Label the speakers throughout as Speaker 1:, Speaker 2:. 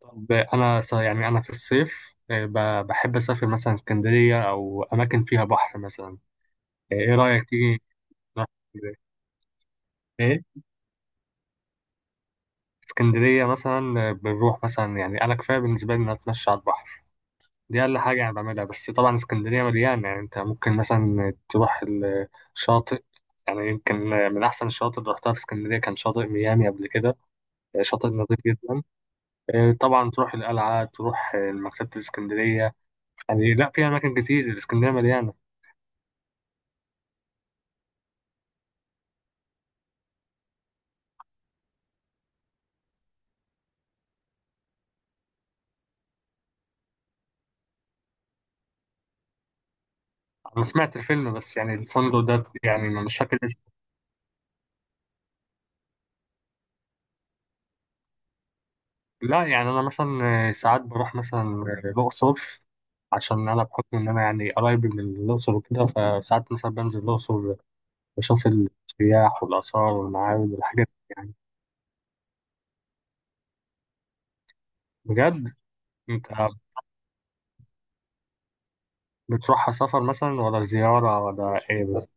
Speaker 1: طب يعني انا في الصيف، بحب اسافر مثلا اسكندريه او اماكن فيها بحر مثلا. ايه رايك تيجي نروح اسكندرية؟ ايه، اسكندريه مثلا بنروح مثلا، يعني انا كفايه بالنسبه لي ان أنا اتمشى على البحر. دي اقل حاجه انا بعملها، بس طبعا اسكندريه مليانه، يعني انت ممكن مثلا تروح الشاطئ. يعني يمكن من احسن الشواطئ اللي رحتها في اسكندريه كان شاطئ ميامي قبل كده. شاطئ نظيف جدا. طبعا تروح القلعه، تروح مكتبه الاسكندريه. يعني لا، في اماكن كتير، الاسكندريه مليانه. انا سمعت الفيلم، بس يعني الفندق ده يعني مش فاكر اسمه. لا، يعني انا مثلا ساعات بروح مثلا الاقصر، عشان انا بحكم ان انا يعني قرايب من الاقصر وكده، فساعات مثلا بنزل الاقصر، بشوف السياح والاثار والمعابد والحاجات دي يعني. بجد؟ انت بتروحها سفر مثلا ولا زياره ولا ايه بس؟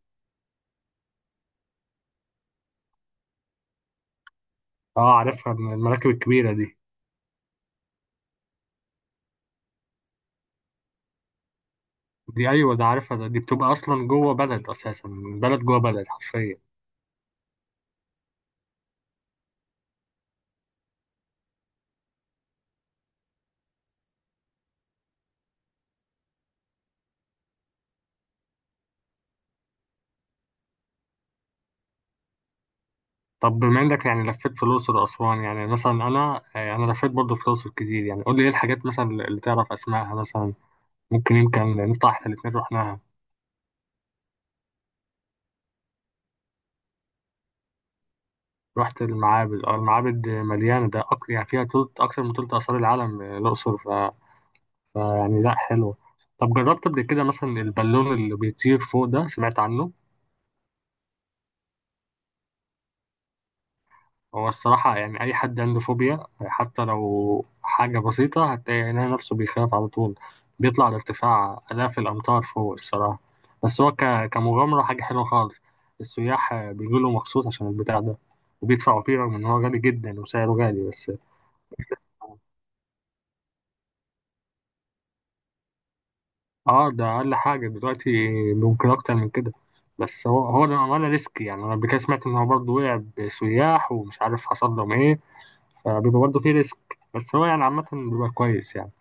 Speaker 1: اه، عارفها، من المراكب الكبيره دي. دي ايوه ده عارفها، ده دي بتبقى اصلا جوه بلد اساسا، بلد جوه بلد حرفيا. طب بما انك يعني لفيت في الاقصر واسوان، يعني مثلا انا لفيت برضه في الاقصر كتير، يعني قول لي ايه الحاجات مثلا اللي تعرف اسمائها مثلا. يمكن نطلع احنا الاثنين رحناها. رحت المعابد، اه المعابد مليانه، ده اكتر يعني، فيها تلت، اكتر من تلت اثار العالم، الاقصر ف... ف يعني لا حلو. طب جربت قبل كده مثلا البالون اللي بيطير فوق ده؟ سمعت عنه؟ هو الصراحة يعني أي حد عنده فوبيا حتى لو حاجة بسيطة هتلاقي عينيه نفسه بيخاف على طول، بيطلع لارتفاع آلاف الأمتار فوق الصراحة. بس هو كمغامرة حاجة حلوة خالص. السياح بيجوا مخصوص عشان البتاع ده، وبيدفعوا فيه رغم إن هو غالي جدا وسعره غالي بس. اه ده أقل حاجة دلوقتي، ممكن أكتر من كده. بس هو للأمانة ريسك، يعني أنا قبل كده سمعت إن هو برضه وقع بسياح ومش عارف حصل لهم إيه، فبيبقى برضه فيه ريسك. بس هو يعني عامة بيبقى كويس يعني.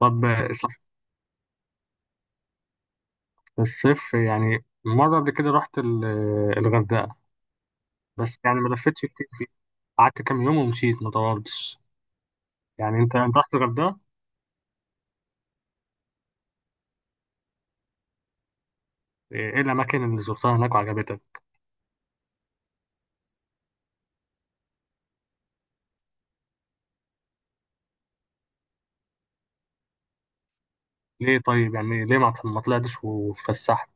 Speaker 1: طب صف، الصيف يعني مرة قبل كده رحت الغردقة، بس يعني ما لفتش كتير فيه، قعدت كام يوم ومشيت ما طولتش. يعني انت رحت الغردقة؟ ايه الأماكن اللي زرتها هناك وعجبتك؟ ليه؟ طيب يعني ليه ما طلعتش واتفسحت؟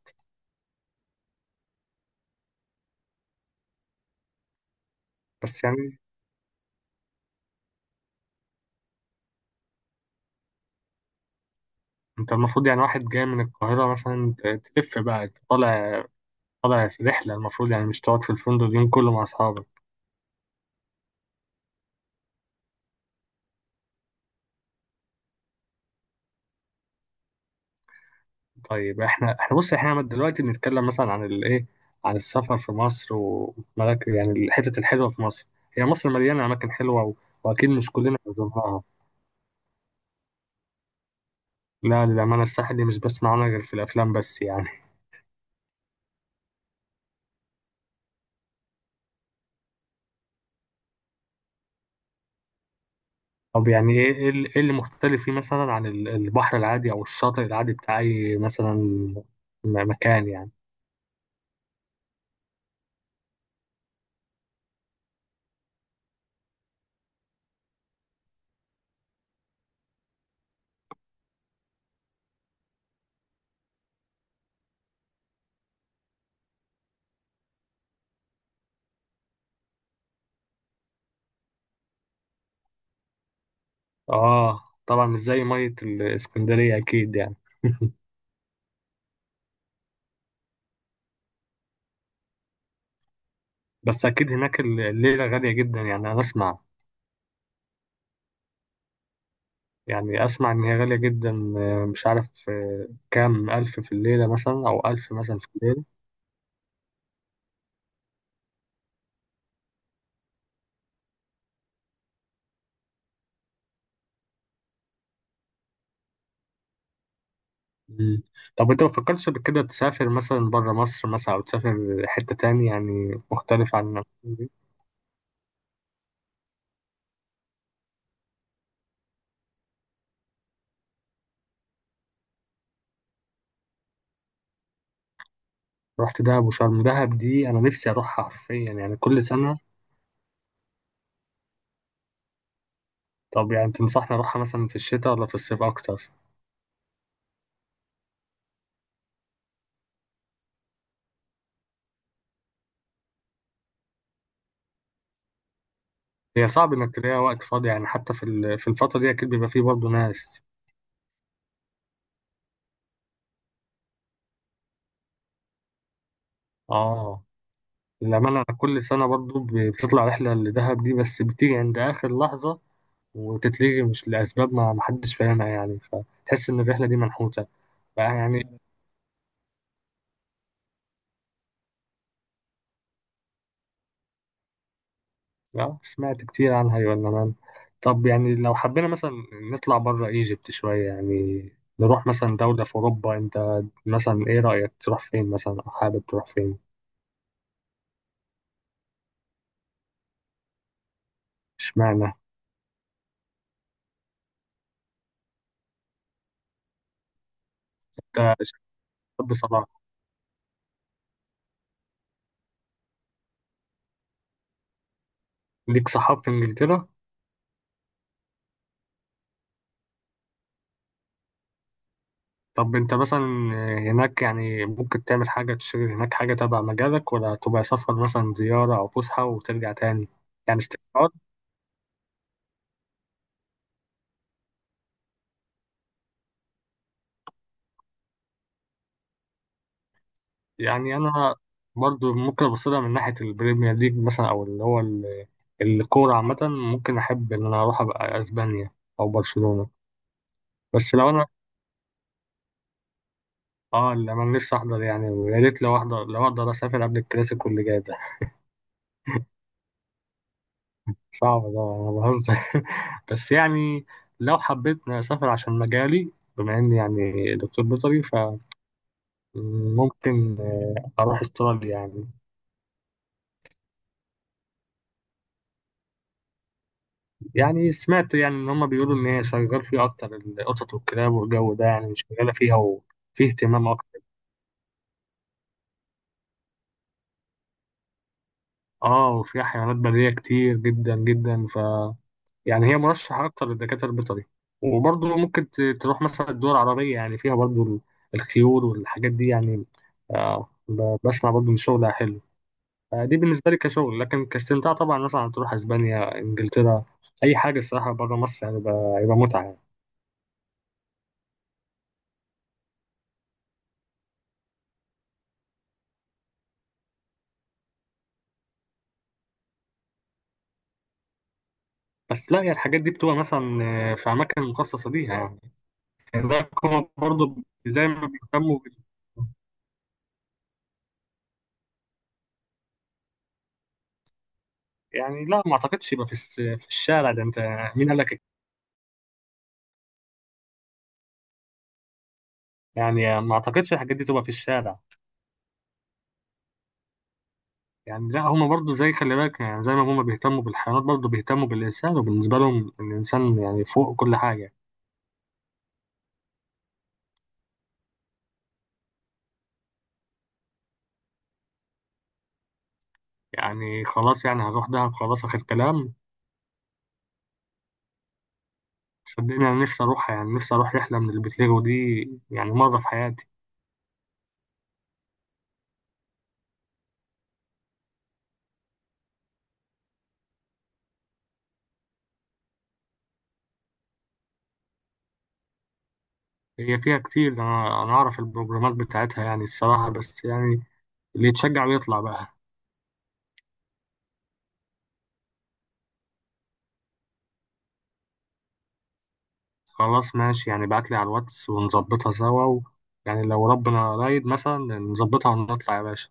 Speaker 1: بس يعني انت المفروض، يعني واحد جاي من القاهرة مثلا تلف بقى طالع، طالع رحلة، المفروض يعني مش تقعد في الفندق اليوم كله مع أصحابك. طيب احنا بص، احنا دلوقتي بنتكلم مثلا عن الايه، عن السفر في مصر وملاك يعني الحتت الحلوه في مصر. هي مصر مليانه اماكن حلوه واكيد مش كلنا زرناها. لا، للامانه الساحل دي مش بسمع عنها غير في الافلام بس يعني. طب يعني إيه اللي مختلف فيه مثلا عن البحر العادي او الشاطئ العادي بتاع اي مثلا مكان يعني. اه طبعا مش زي ميه الاسكندريه اكيد يعني. بس اكيد هناك الليله غاليه جدا، يعني انا اسمع، يعني أسمع إن هي غالية جدا، مش عارف كام ألف في الليلة مثلا أو ألف مثلا في الليل. مم. طب أنت ما فكرتش قبل كده تسافر مثلا برا مصر، مثلا أو تسافر حتة تاني يعني مختلف عن المكان دي؟ رحت دهب وشرم؟ دهب دي أنا نفسي أروحها حرفيا يعني كل سنة. طب يعني تنصحني أروحها مثلا في الشتاء ولا في الصيف أكتر؟ هي صعب إنك تلاقي وقت فاضي، يعني حتى في في الفترة دي أكيد بيبقى فيه برضه ناس. آه للأمانة أنا كل سنة برضه بتطلع رحلة لدهب دي، بس بتيجي عند آخر لحظة وتتلغي مش لأسباب، ما ما حدش فاهمها، يعني فتحس إن الرحلة دي منحوتة بقى يعني. سمعت كتير عنها يا مان. طب يعني لو حبينا مثلا نطلع بره ايجيبت شوية يعني، نروح مثلا دولة في أوروبا، أنت مثلا إيه رأيك تروح فين مثلا أو حابب تروح فين؟ اشمعنى؟ أنت شاب صلاح، ليك صحاب في إنجلترا؟ طب أنت مثلا هناك يعني ممكن تعمل حاجة، تشتغل هناك حاجة تبع مجالك ولا تبقى سفر مثلا زيارة أو فسحة وترجع تاني؟ يعني استقرار. يعني انا برضو ممكن ابص لها من ناحيه البريمير ليج مثلا، او اللي هو الكوره عامه، ممكن احب ان انا اروح ابقى اسبانيا او برشلونه. بس لو انا اه اللي انا نفسي احضر، يعني يا ريت لو احضر، لو اقدر اسافر قبل الكلاسيكو اللي جاي ده. صعب، ده انا بهزر. بس يعني لو حبيت إني اسافر عشان مجالي بما اني يعني دكتور بيطري، فممكن اروح استراليا يعني. يعني سمعت، يعني ان هم بيقولوا ان هي شغال فيه اكتر القطط والكلاب والجو ده يعني، شغاله فيها وفيه اهتمام اكتر. اه وفيها حيوانات بريه كتير جدا جدا، ف يعني هي مرشحه اكتر للدكاتره البيطري. وبرضه ممكن تروح مثلا الدول العربيه، يعني فيها برضه الخيول والحاجات دي يعني. بسمع برضه ان شغلها حلو. دي بالنسبه لي كشغل، لكن كاستمتاع طبعا مثلا تروح اسبانيا، انجلترا، اي حاجه الصراحه بره مصر يعني هيبقى متعه يعني. بس لا، هي الحاجات دي بتبقى مثلا في أماكن مخصصة ليها، يعني لا كوما برضه، زي ما بيهتموا يعني لا، ما أعتقدش يبقى في في الشارع ده، أنت مين قال لك؟ يعني ما أعتقدش الحاجات دي تبقى في الشارع. يعني لا، هما برضه زي خلي بالك، يعني زي ما هما بيهتموا بالحيوانات برضه بيهتموا بالإنسان، وبالنسبة لهم الإنسان يعني فوق كل حاجة. يعني خلاص، يعني هروح دهب خلاص، آخر كلام. صدقني أنا نفسي أروح، يعني نفسي أروح رحلة من البتليجو دي، يعني مرة في حياتي. هي فيها كتير ده، انا اعرف البروجرامات بتاعتها يعني الصراحه، بس يعني اللي يتشجع ويطلع بقى. خلاص ماشي، يعني بعتلي على الواتس ونظبطها سوا يعني لو ربنا رايد مثلا نظبطها ونطلع يا باشا.